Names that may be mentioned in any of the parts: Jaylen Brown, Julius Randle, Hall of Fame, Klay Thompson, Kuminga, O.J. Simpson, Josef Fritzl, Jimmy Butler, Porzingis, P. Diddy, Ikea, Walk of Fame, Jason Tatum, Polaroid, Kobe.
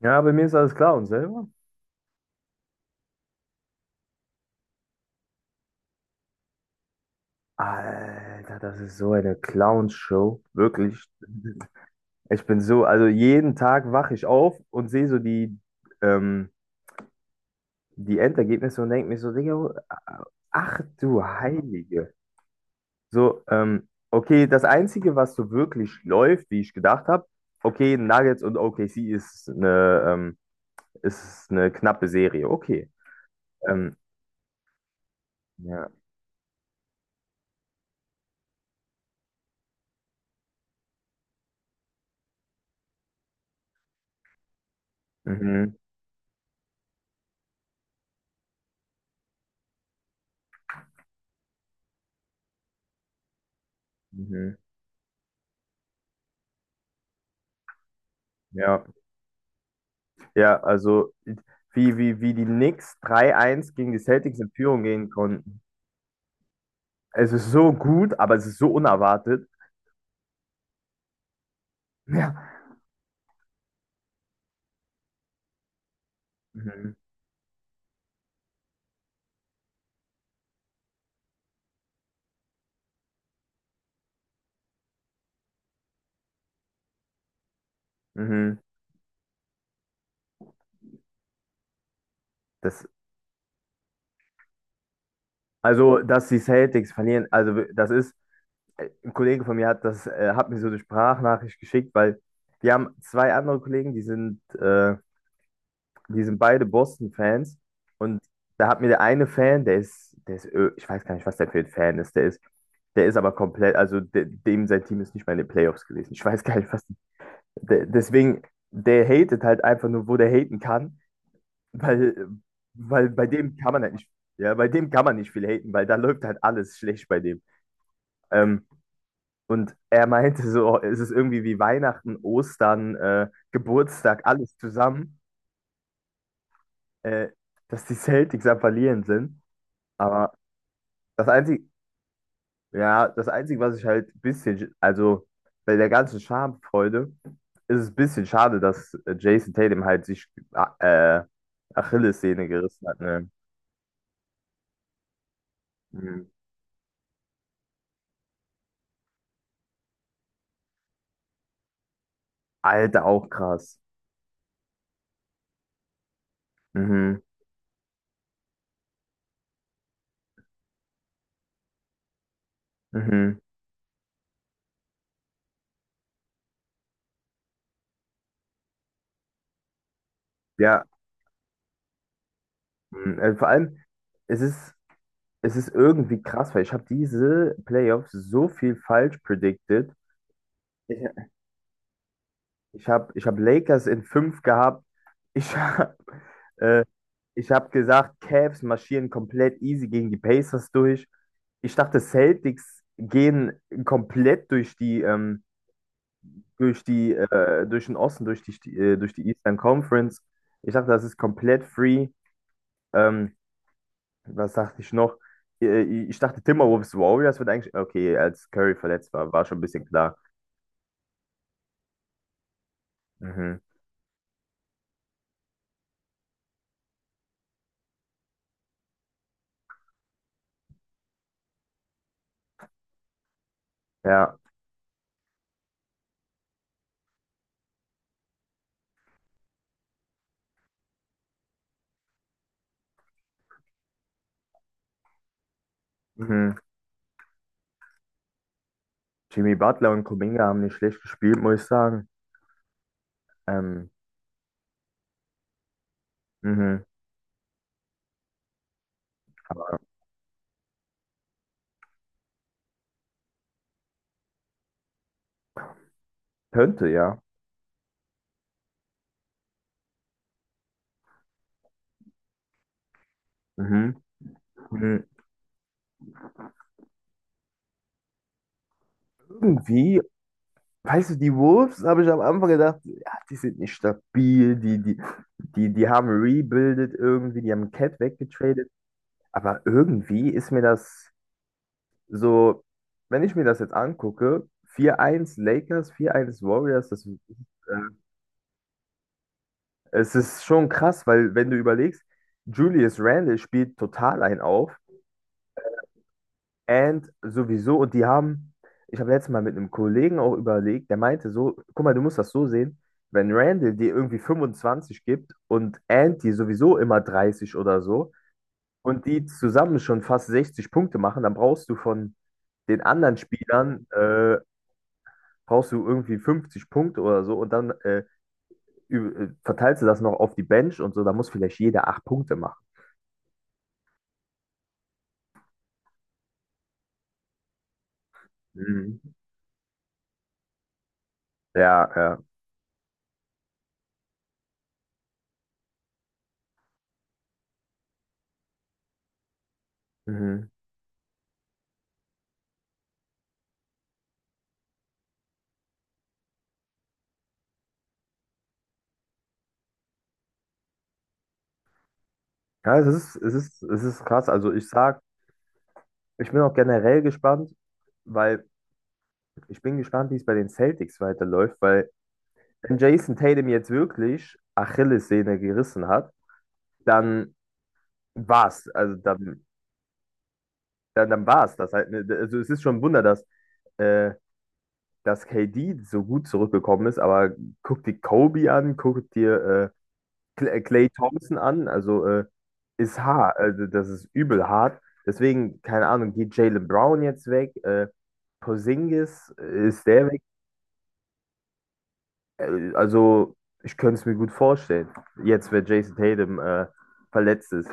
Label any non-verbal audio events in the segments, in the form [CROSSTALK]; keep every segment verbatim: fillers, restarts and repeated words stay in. Ja, bei mir ist alles klar und selber? Alter, das ist so eine Clownshow. Wirklich. Ich bin so, also jeden Tag wache ich auf und sehe so die, ähm, die Endergebnisse und denke mir so, Digga, ach du Heilige. So, ähm, okay, das Einzige, was so wirklich läuft, wie ich gedacht habe, okay, Nuggets und O K C ist eine, ähm, ist eine knappe Serie. Okay. Ähm, ja. Mhm. Mhm. Ja. Ja, also wie, wie, wie die Knicks drei eins gegen die Celtics in Führung gehen konnten. Es ist so gut, aber es ist so unerwartet. [LAUGHS] Ja. Mhm. Mhm. Das, also, dass die Celtics verlieren, also das ist, äh, ein Kollege von mir hat das, äh, hat mir so eine Sprachnachricht geschickt, weil wir haben zwei andere Kollegen, die sind, äh, die sind beide Boston-Fans und da hat mir der eine Fan, der ist, der ist, Ö- ich weiß gar nicht, was der für ein Fan ist, der ist der ist aber komplett, also de, dem sein Team ist nicht mal in den Playoffs gewesen. Ich weiß gar nicht, was. De, deswegen, der hatet halt einfach nur, wo der haten kann, weil, weil bei dem kann man halt nicht, ja, bei dem kann man nicht viel haten, weil da läuft halt alles schlecht bei dem. Ähm, und er meinte so, oh, es ist irgendwie wie Weihnachten, Ostern, äh, Geburtstag, alles zusammen, äh, dass die Celtics am Verlieren sind. Aber das Einzige, Ja, das Einzige, was ich halt ein bisschen, also bei der ganzen Schamfreude, ist es ein bisschen schade, dass äh, Jason Tatum halt sich ah, äh, Achillessehne gerissen hat. Ne? Mhm. Alter, auch krass. Mhm. Mhm. Ja, mhm. Äh, vor allem, es ist, es ist irgendwie krass, weil ich habe diese Playoffs so viel falsch predicted. Ich, ich habe ich hab Lakers in fünf gehabt. Ich habe äh, Ich habe gesagt, Cavs marschieren komplett easy gegen die Pacers durch. Ich dachte, Celtics gehen komplett durch die, ähm, durch die, äh, durch den Osten, durch die, äh, durch die Eastern Conference. Ich dachte, das ist komplett free. Ähm, Was dachte ich noch? Äh, Ich dachte, Timberwolves Warriors wird eigentlich, okay, als Curry verletzt war, war schon ein bisschen klar. Mhm. Ja. Mhm. Jimmy Butler und Kuminga haben nicht schlecht gespielt, muss ich sagen. Ähm, mhm. Könnte, ja. Mhm. Mhm. Irgendwie weißt du, die Wolves habe ich am Anfang gedacht, ja, die sind nicht stabil, die, die, die, die haben rebuildet irgendwie, die haben Cat weggetradet. Aber irgendwie ist mir das so, wenn ich mir das jetzt angucke, vier eins Lakers, vier eins Warriors, das, äh, es ist schon krass, weil wenn du überlegst, Julius Randle spielt total einen auf. And sowieso, und die haben, ich habe letztes Mal mit einem Kollegen auch überlegt, der meinte so, guck mal, du musst das so sehen, wenn Randall dir irgendwie fünfundzwanzig gibt und And dir sowieso immer dreißig oder so und die zusammen schon fast sechzig Punkte machen, dann brauchst du von den anderen Spielern, äh, brauchst du irgendwie fünfzig Punkte oder so und dann äh, üb- äh, verteilst du das noch auf die Bench und so, da muss vielleicht jeder acht Punkte machen. Mhm. Ja, ja. Mhm. Ja, es ist, es ist, es ist krass. Also ich sag, Ich bin auch generell gespannt, weil ich bin gespannt, wie es bei den Celtics weiterläuft, weil wenn Jason Tatum jetzt wirklich Achillessehne gerissen hat, dann war's. Also dann, dann, dann war's das halt. Ne? Also es ist schon ein Wunder, dass, äh, dass K D so gut zurückgekommen ist, aber guck dir Kobe an, guck dir äh, Cl- Klay Thompson an, also äh, ist hart, also das ist übel hart. Deswegen, keine Ahnung, geht Jaylen Brown jetzt weg, äh, Porzingis, äh, ist der weg? Äh, Also, ich könnte es mir gut vorstellen. Jetzt, wenn Jason Tatum äh, verletzt ist.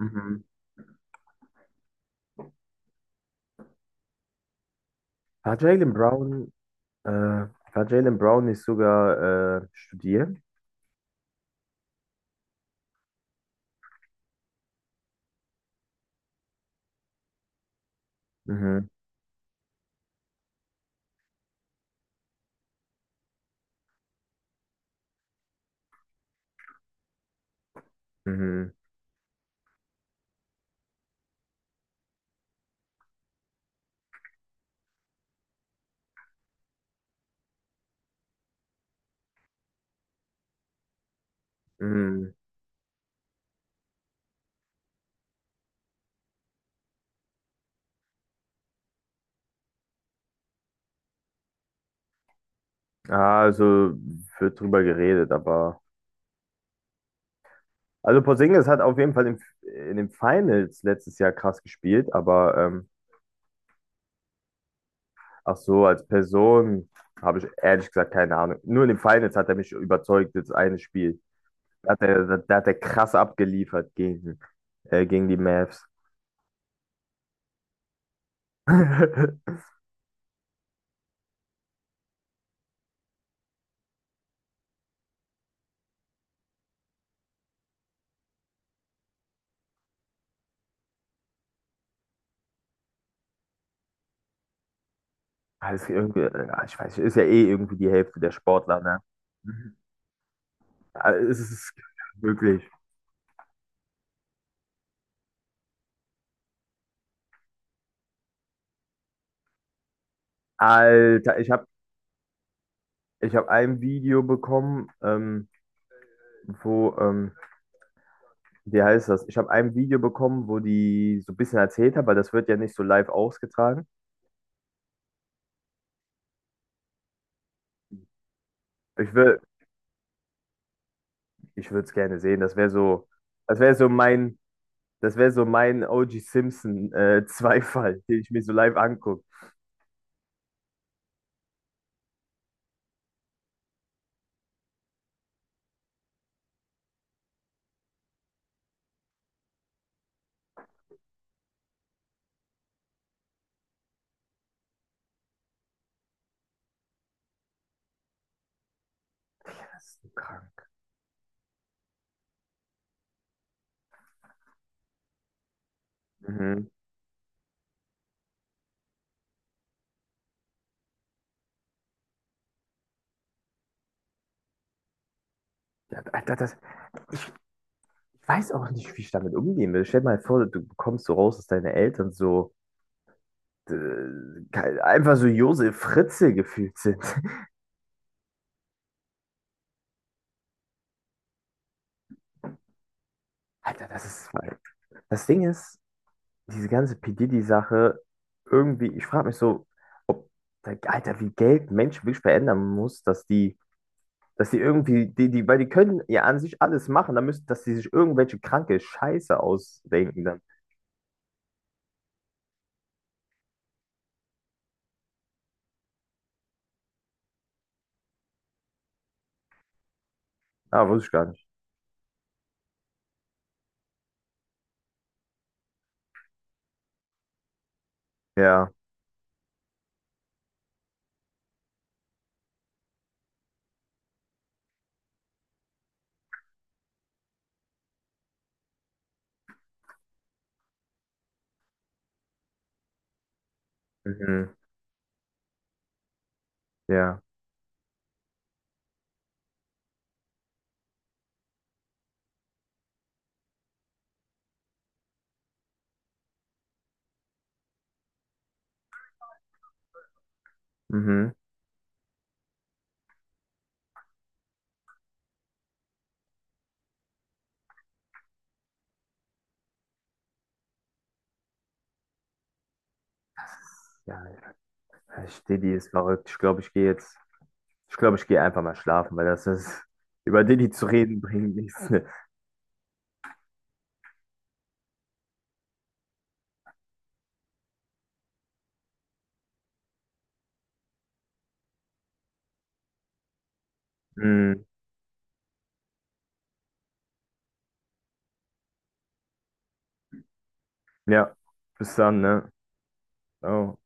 Mhm. War Jaylen Brown, äh, war Jaylen Brown nicht sogar äh, studieren? Mhm. Mhm. Mhm. Ah, also wird drüber geredet, aber. Also Porzingis hat auf jeden Fall im, in den Finals letztes Jahr krass gespielt, aber ähm, ach so, als Person habe ich ehrlich gesagt keine Ahnung. Nur in den Finals hat er mich überzeugt, das eine Spiel. Da hat er, da, da hat er krass abgeliefert gegen. Äh, gegen die Mavs. [LAUGHS] Also irgendwie, ja, ich weiß nicht, ist ja eh irgendwie die Hälfte der Sportler, ne? Mhm. Also es ist [LAUGHS] wirklich. Alter, ich habe ich hab ein Video bekommen, ähm, wo, ähm, wie heißt das? Ich habe ein Video bekommen, wo die so ein bisschen erzählt haben, weil das wird ja nicht so live ausgetragen. Ich will, ich würde es gerne sehen. Das wäre so, das wäre so mein, das wäre so mein O G Simpson äh, [LAUGHS] Zweifall, den ich mir so live angucke. Das ist so krank. Mhm. Ja, Alter, das ich weiß auch nicht, wie ich damit umgehen will. Stell dir mal vor, du kommst so raus, dass deine Eltern so äh, kein- einfach so Josef Fritzl gefühlt sind. [LAUGHS] Alter, das ist. Das Ding ist, diese ganze P. Diddy-Sache, irgendwie, ich frage mich so, ob, Alter, wie Geld Menschen wirklich verändern muss, dass die, dass die irgendwie, die, die, weil die können ja an sich alles machen, dann müssen, dass die sich irgendwelche kranke Scheiße ausdenken dann. Ah, wusste ich gar nicht. Ja. Mhm. Ja. Mhm. Ja, Ich, Didi ist verrückt. Ich glaube, ich gehe jetzt. Ich glaube, ich gehe einfach mal schlafen, weil das ist. Über Didi zu reden bringt nichts. Ne? Mm, ja, bis dann, ne? Ciao.